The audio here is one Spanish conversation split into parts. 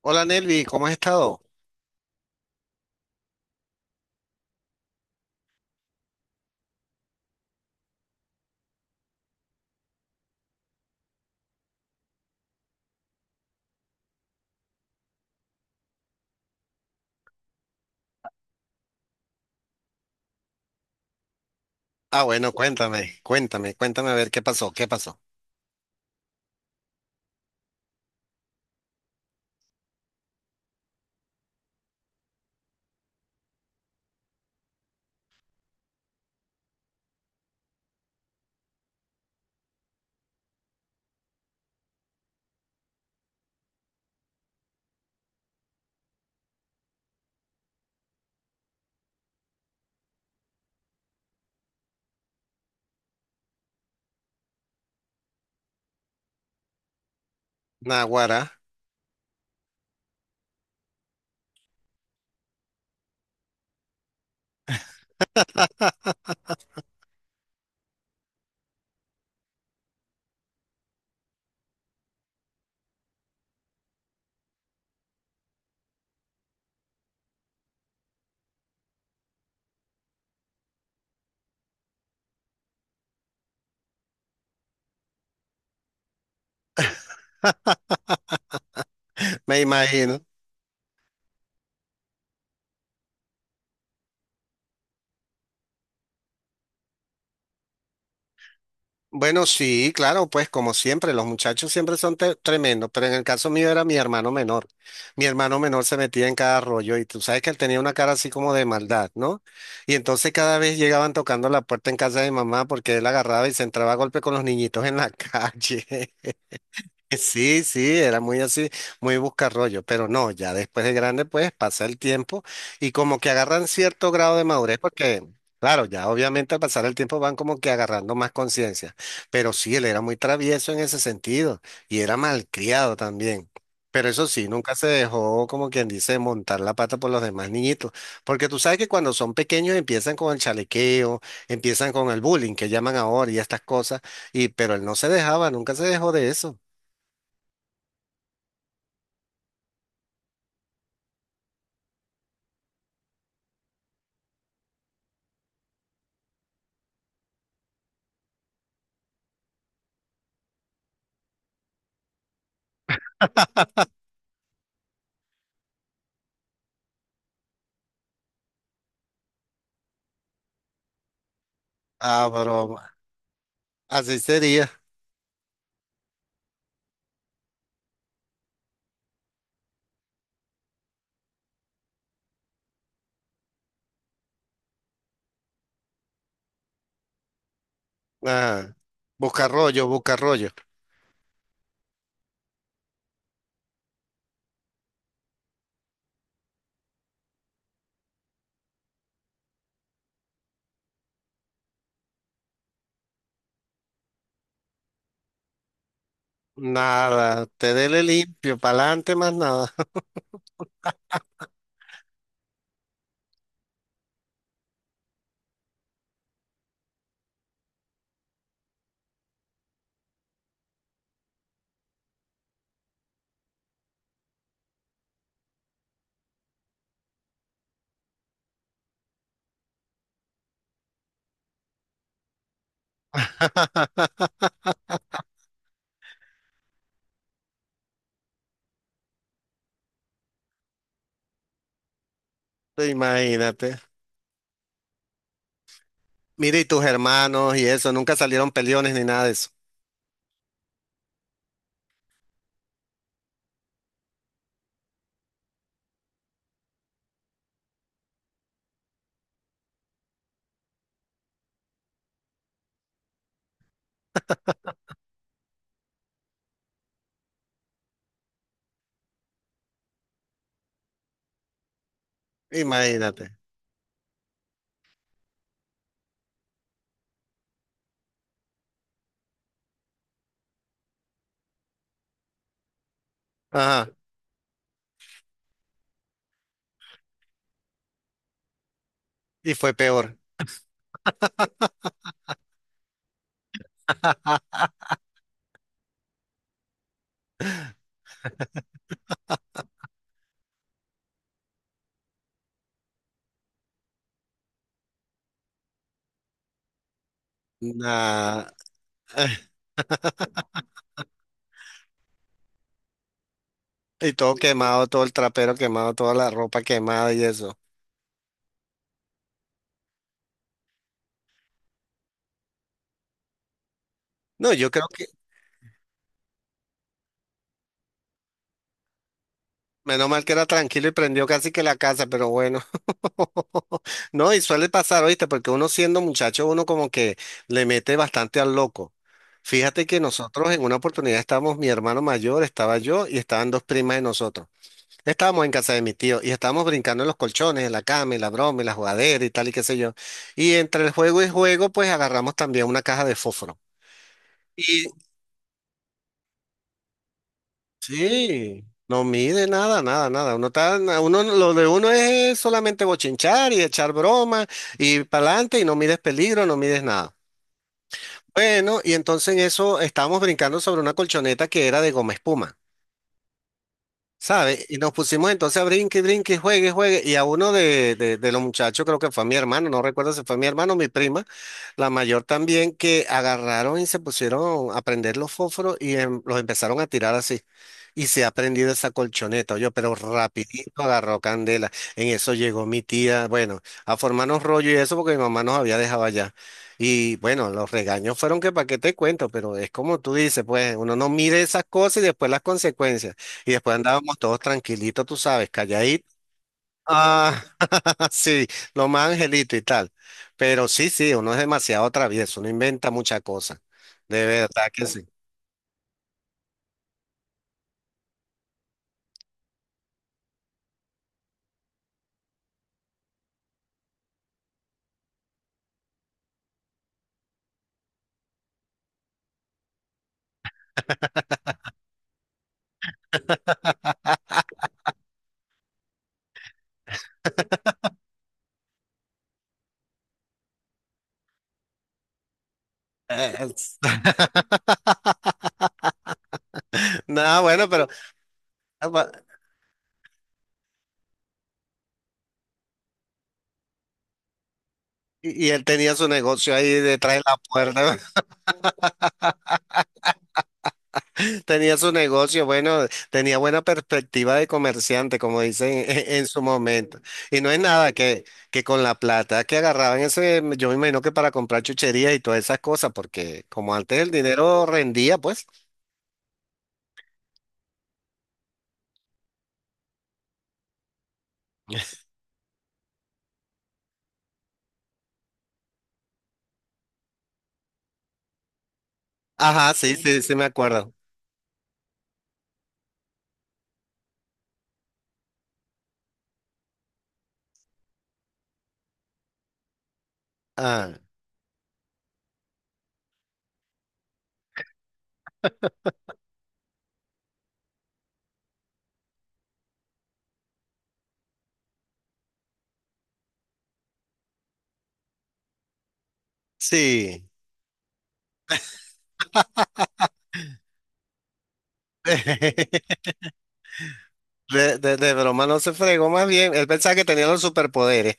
Hola Nelvi, ¿cómo has estado? Ah, bueno, cuéntame, cuéntame, cuéntame a ver qué pasó, qué pasó. Naguará, me imagino. Bueno, sí, claro, pues como siempre, los muchachos siempre son tremendos, pero en el caso mío era mi hermano menor. Mi hermano menor se metía en cada rollo y tú sabes que él tenía una cara así como de maldad, ¿no? Y entonces cada vez llegaban tocando la puerta en casa de mamá porque él agarraba y se entraba a golpe con los niñitos en la calle. Sí, sí, era muy así, muy buscarrollo, pero no, ya después de grande, pues pasa el tiempo y como que agarran cierto grado de madurez, porque, claro, ya obviamente al pasar el tiempo van como que agarrando más conciencia, pero sí, él era muy travieso en ese sentido y era malcriado también. Pero eso sí, nunca se dejó, como quien dice, montar la pata por los demás niñitos, porque tú sabes que cuando son pequeños empiezan con el chalequeo, empiezan con el bullying que llaman ahora y estas cosas, y pero él no se dejaba, nunca se dejó de eso. Ah, broma. Así sería. Ah, busca rollo, busca rollo. Nada, te dele limpio, pa'lante más nada. Imagínate. Mira, y tus hermanos y eso, nunca salieron peleones ni nada de eso. Imagínate. Ajá, y fue peor. Nah. Y todo quemado, todo el trapero quemado, toda la ropa quemada y eso. No, yo creo que, menos mal que era tranquilo y prendió casi que la casa, pero bueno. No, y suele pasar, ¿oíste? Porque uno siendo muchacho, uno como que le mete bastante al loco. Fíjate que nosotros en una oportunidad estábamos, mi hermano mayor, estaba yo y estaban dos primas de nosotros. Estábamos en casa de mi tío y estábamos brincando en los colchones, en la cama, y la broma, y la jugadera y tal y qué sé yo. Y entre el juego y juego, pues agarramos también una caja de fósforo. Sí, no mide nada, nada, nada. Uno está, uno, lo de uno es solamente bochinchar y echar broma y para adelante y no mides peligro, no mides nada. Bueno, y entonces en eso estábamos brincando sobre una colchoneta que era de goma espuma. ¿Sabe? Y nos pusimos entonces a brinque, brinque, juegue, juegue. Y a uno de los muchachos, creo que fue mi hermano, no recuerdo si fue mi hermano o mi prima, la mayor también, que agarraron y se pusieron a prender los fósforos y los empezaron a tirar así. Y se ha prendido esa colchoneta, yo, pero rapidito agarró candela. En eso llegó mi tía, bueno, a formarnos rollo y eso porque mi mamá nos había dejado allá. Y bueno, los regaños fueron que para qué te cuento, pero es como tú dices, pues uno no mide esas cosas y después las consecuencias. Y después andábamos todos tranquilitos, tú sabes, calladitos. Ah, sí, lo más angelito y tal. Pero sí, sí, uno es demasiado travieso, uno inventa muchas cosas. De verdad que sí. Nada, bueno, pero ah, y él tenía su negocio ahí detrás de la puerta. Tenía su negocio, bueno, tenía buena perspectiva de comerciante, como dicen en su momento. Y no es nada que, que con la plata que agarraban ese, yo me imagino que para comprar chucherías y todas esas cosas, porque como antes el dinero rendía, pues. Ajá, sí, sí, sí me acuerdo. Ah, sí. De broma no se fregó más bien. Él pensaba que tenía los superpoderes.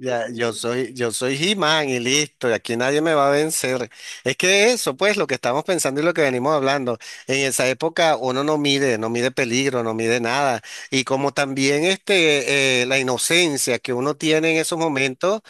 Ya, yo soy He-Man y listo, y aquí nadie me va a vencer. Es que eso, pues, lo que estamos pensando y lo que venimos hablando. En esa época uno no mide, no mide peligro, no mide nada. Y como también este, la inocencia que uno tiene en esos momentos.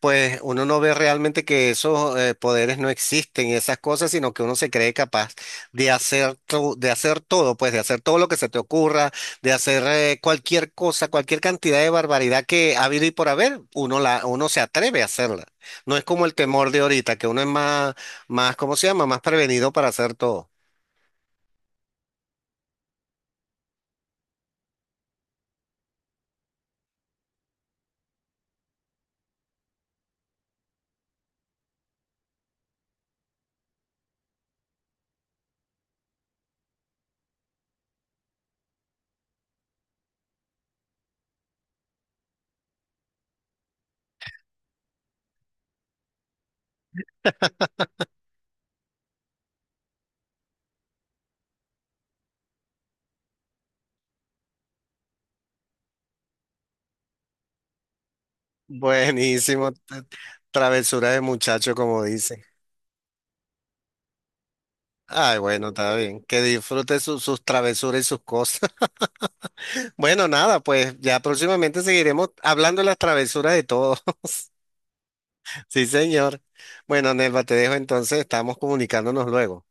Pues uno no ve realmente que esos poderes no existen y esas cosas, sino que uno se cree capaz de hacer, de hacer todo, pues de hacer todo lo que se te ocurra, de hacer cualquier cosa, cualquier cantidad de barbaridad que ha habido y por haber, uno, la, uno se atreve a hacerla. No es como el temor de ahorita, que uno es más, más, ¿cómo se llama? Más prevenido para hacer todo. Buenísimo, travesura de muchacho, como dice. Ay, bueno, está bien. Que disfrute sus travesuras y sus cosas. Bueno, nada, pues ya próximamente seguiremos hablando de las travesuras de todos. Sí, señor. Bueno, Nelva, te dejo entonces, estamos comunicándonos luego.